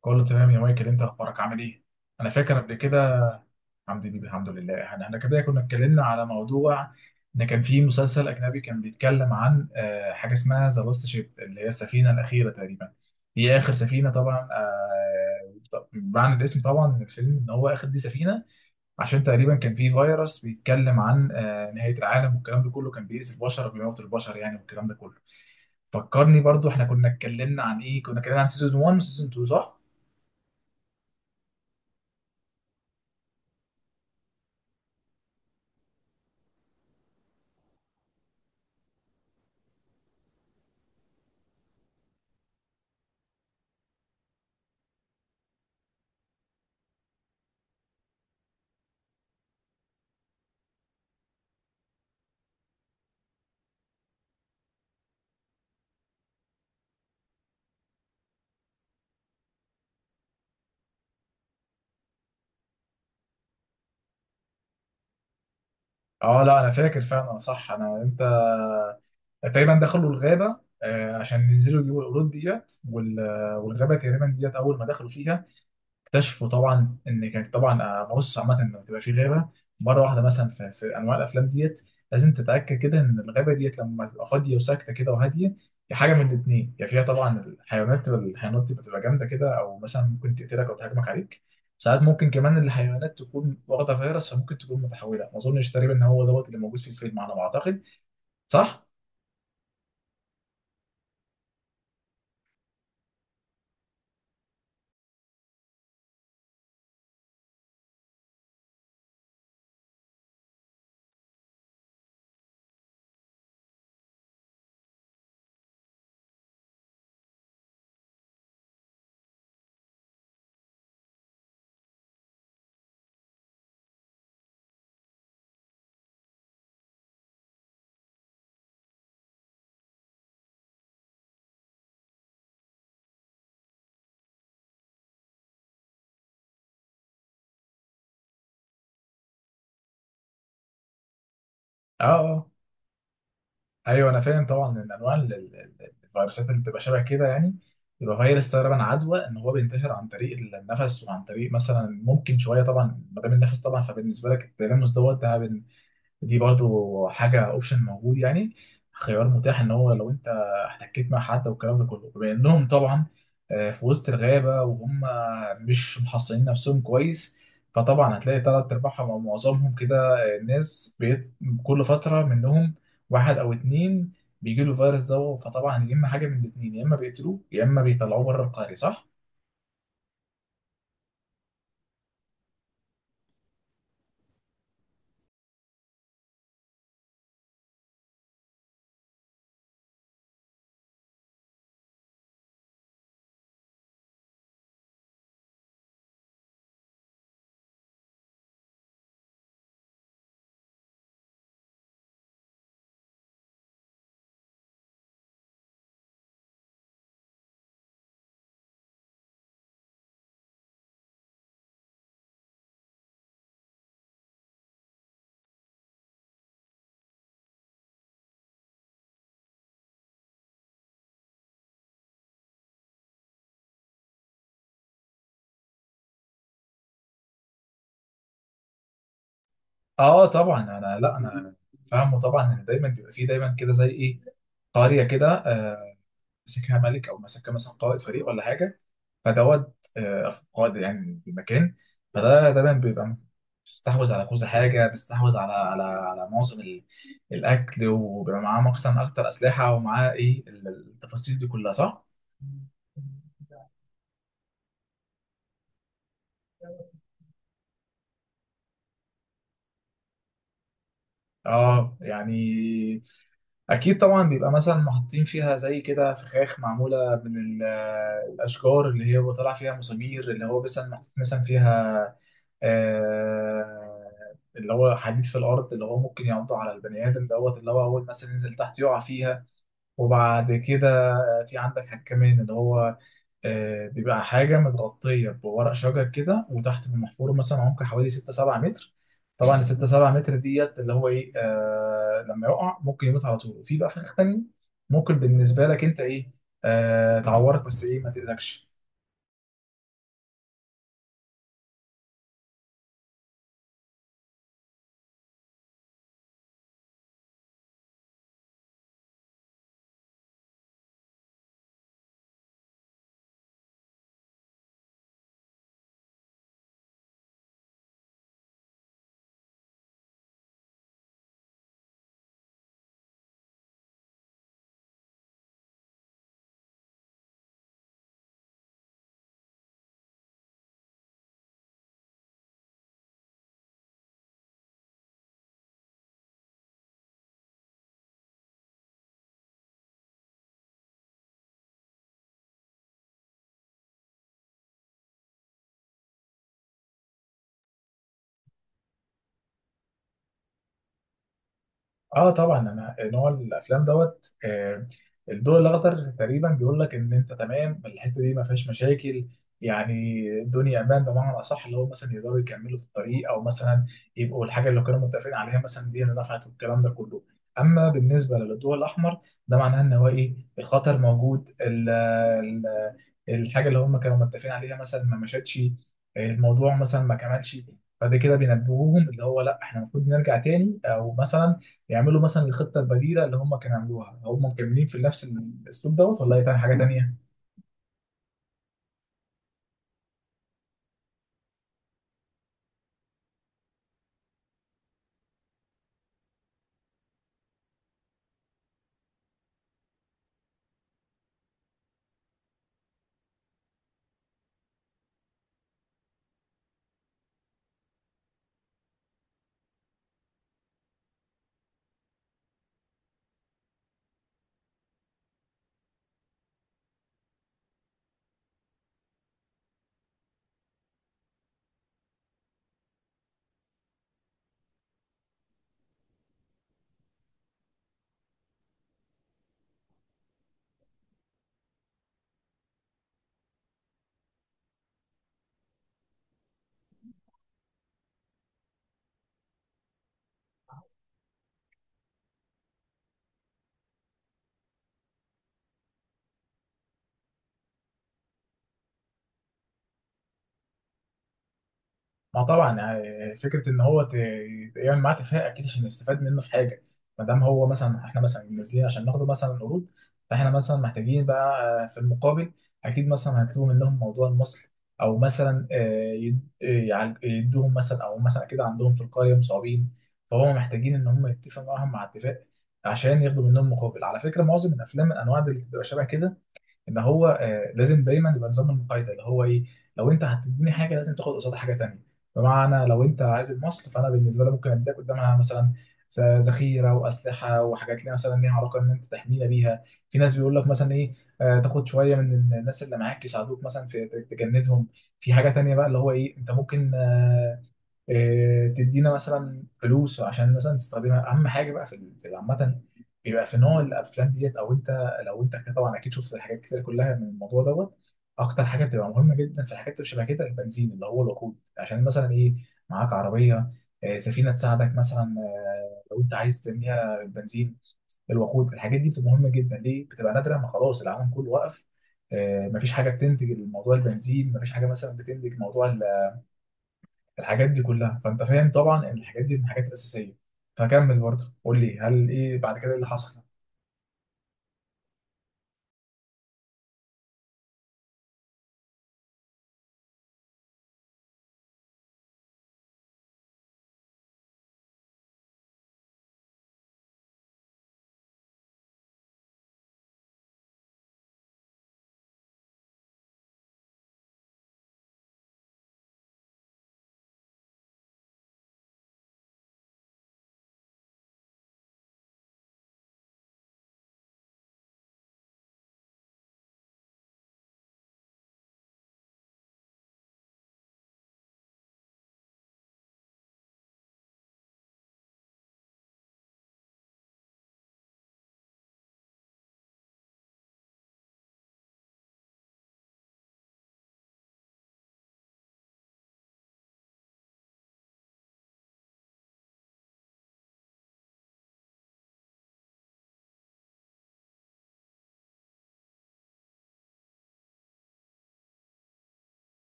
كله تمام يا مايكل، انت اخبارك عامل ايه؟ انا فاكر قبل كده. الحمد لله، الحمد لله. احنا كده كنا اتكلمنا على موضوع ان كان في مسلسل اجنبي كان بيتكلم عن حاجه اسمها ذا لاست شيب، اللي هي السفينه الاخيره تقريبا. هي اخر سفينه طبعا. معنى الاسم طبعا من الفيلم ان هو اخر دي سفينه، عشان تقريبا كان في فيروس بيتكلم عن نهايه العالم، والكلام ده كله كان بيأذي البشر وبيموت البشر يعني، والكلام ده كله. فكرني برضو، احنا كنا اتكلمنا عن ايه؟ كنا اتكلمنا عن سيزون 1 وسيزون 2 صح؟ اه لا، انا فاكر فعلا صح. انا انت تقريبا دخلوا الغابه عشان ينزلوا يجيبوا القرود ديت والغابه تقريبا ديت اول ما دخلوا فيها اكتشفوا طبعا ان كانت طبعا، بص، عامه لما تبقى في غابه مره واحده مثلا، في انواع الافلام ديت لازم تتاكد كده ان الغابه ديت لما تبقى فاضيه وساكته كده وهاديه، يا حاجه من الاثنين: يا فيها طبعا الحيوانات، الحيوانات بتبقى جامده كده، او مثلا ممكن تقتلك او تهاجمك عليك. ساعات ممكن كمان الحيوانات تكون واخده فيروس، فممكن تكون متحوله. ما اظنش تقريبا ان هو دوت اللي موجود في الفيلم، على ما اعتقد، صح؟ اه اه، ايوه انا فاهم طبعا ان انواع الفيروسات اللي بتبقى شبه كده يعني، يبقى فيروس تقريبا عدوى، ان هو بينتشر عن طريق النفس، وعن طريق مثلا ممكن شويه طبعا ما دام النفس طبعا، فبالنسبه لك التلامس دوت ده، دي برضو حاجة اوبشن موجود يعني، خيار متاح، ان هو لو انت احتكيت مع حد والكلام ده كله. بما انهم طبعا في وسط الغابة، وهم مش محصنين نفسهم كويس، فطبعا هتلاقي تلات ارباعهم او معظمهم كده ناس بيت كل فترة منهم واحد او اتنين بيجي له الفيروس ده. فطبعا يا اما حاجة من الاتنين: يا اما بيقتلوه، يا اما بيطلعوه بره القرية، صح؟ اه طبعا انا، لا انا فاهمه طبعا ان دايما بيبقى فيه دايما كده زي ايه، قرية كده مسكها ملك، او مسكها مثلا قائد فريق ولا حاجه، فدوت قائد يعني المكان. فده طبعا بيبقى بيستحوذ على كذا حاجه، بيستحوذ على معظم الاكل، وبيبقى معاه مقصا اكتر اسلحه، ومعاه ايه التفاصيل دي كلها، صح؟ اه يعني، اكيد طبعا بيبقى مثلا محطين فيها زي كده فخاخ معموله من الاشجار، اللي هي بيطلع فيها مسامير، اللي هو مثلا محطوط مثلا فيها آه، اللي هو حديد في الارض، اللي هو ممكن ينطح على البني ادم دوت، اللي هو اول مثلا ينزل تحت يقع فيها. وبعد كده في عندك حاجه كمان اللي هو بيبقى حاجه متغطيه بورق شجر كده، وتحت بمحفور مثلا عمق حوالي 6 7 متر. طبعا ال 6 7 متر ديت اللي هو ايه، آه، لما يقع ممكن يموت على طول. وفي بقى فخ تاني ممكن بالنسبه لك انت ايه، تعورك بس، ايه، ما تاذكش. اه طبعا انا نوع الافلام دوت الضوء الاخضر تقريبا بيقول لك ان انت تمام، الحته دي ما فيهاش مشاكل، يعني الدنيا امان، بمعنى الاصح اللي هو مثلا يقدروا يكملوا في الطريق، او مثلا يبقوا الحاجه اللي كانوا متفقين عليها مثلا دي اللي نفعت، والكلام ده كله. اما بالنسبه للضوء الاحمر، ده معناه ان هو ايه، الخطر موجود، ال ال الحاجه اللي هم كانوا متفقين عليها مثلا ما مشتش، الموضوع مثلا ما كملش، فده كده بينبهوهم اللي هو، لا احنا المفروض نرجع تاني، او مثلا يعملوا مثلا الخطه البديله اللي هم كانوا عملوها، هم مكملين في نفس الاسلوب دوت ولا هي تاني حاجه تانيه. ما طبعا يعني فكره ان هو يعمل معاه اتفاق، اكيد عشان يستفاد منه في حاجه. ما دام هو مثلا، احنا مثلا نازلين عشان ناخده مثلا قروض، فاحنا مثلا محتاجين بقى في المقابل اكيد مثلا هيطلبوا منهم موضوع المصل، او مثلا يدوهم مثلا، او مثلا كده عندهم في القريه مصابين، فهم محتاجين ان هم يتفقوا معاهم مع اتفاق، عشان ياخدوا منهم مقابل. على فكره، معظم الافلام من انواع اللي بتبقى شبه كده، ان هو لازم دايما يبقى نظام المقايضه، اللي هو ايه، لو انت هتديني حاجه لازم تاخد قصادها حاجه تانيه. بمعنى لو انت عايز المصل، فانا بالنسبه لي ممكن اديك قدامها مثلا ذخيره واسلحه، وحاجات ليها مثلا ليها علاقه ان انت تحمينا بيها. في ناس بيقول لك مثلا ايه، تاخد شويه من الناس اللي معاك يساعدوك مثلا في تجندهم. في حاجه تانيه بقى اللي هو ايه، انت ممكن آه، إيه، تدينا مثلا فلوس عشان مثلا تستخدمها. اهم حاجه بقى في عامه بيبقى في نوع الافلام ديت، او انت لو انت كده طبعا اكيد شفت الحاجات كتير كلها من الموضوع دوت، اكتر حاجه بتبقى مهمه جدا في الحاجات اللي شبه كده البنزين، اللي هو الوقود، عشان مثلا ايه، معاك عربيه، سفينه تساعدك مثلا لو انت عايز ترميها بنزين. الوقود الحاجات دي بتبقى مهمه جدا، ليه بتبقى نادره، ما خلاص العالم كله وقف، مفيش حاجه بتنتج الموضوع البنزين، مفيش حاجه مثلا بتنتج موضوع الحاجات دي كلها، فانت فاهم طبعا ان الحاجات دي من الحاجات الاساسيه. فكمل برضه قول لي، هل ايه بعد كده، إيه اللي حصل؟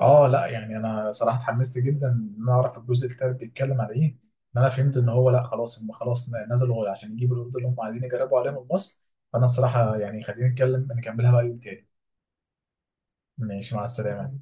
اه لا يعني انا صراحه اتحمست جدا ان انا اعرف الجزء التالت بيتكلم على ايه. ان انا فهمت ان هو لا خلاص، هم خلاص نزلوا عشان يجيبوا الوردة اللي هم عايزين يجربوا عليهم المصل. فانا الصراحه يعني خلينا نتكلم نكملها بقى يوم تاني. ماشي، مع السلامه.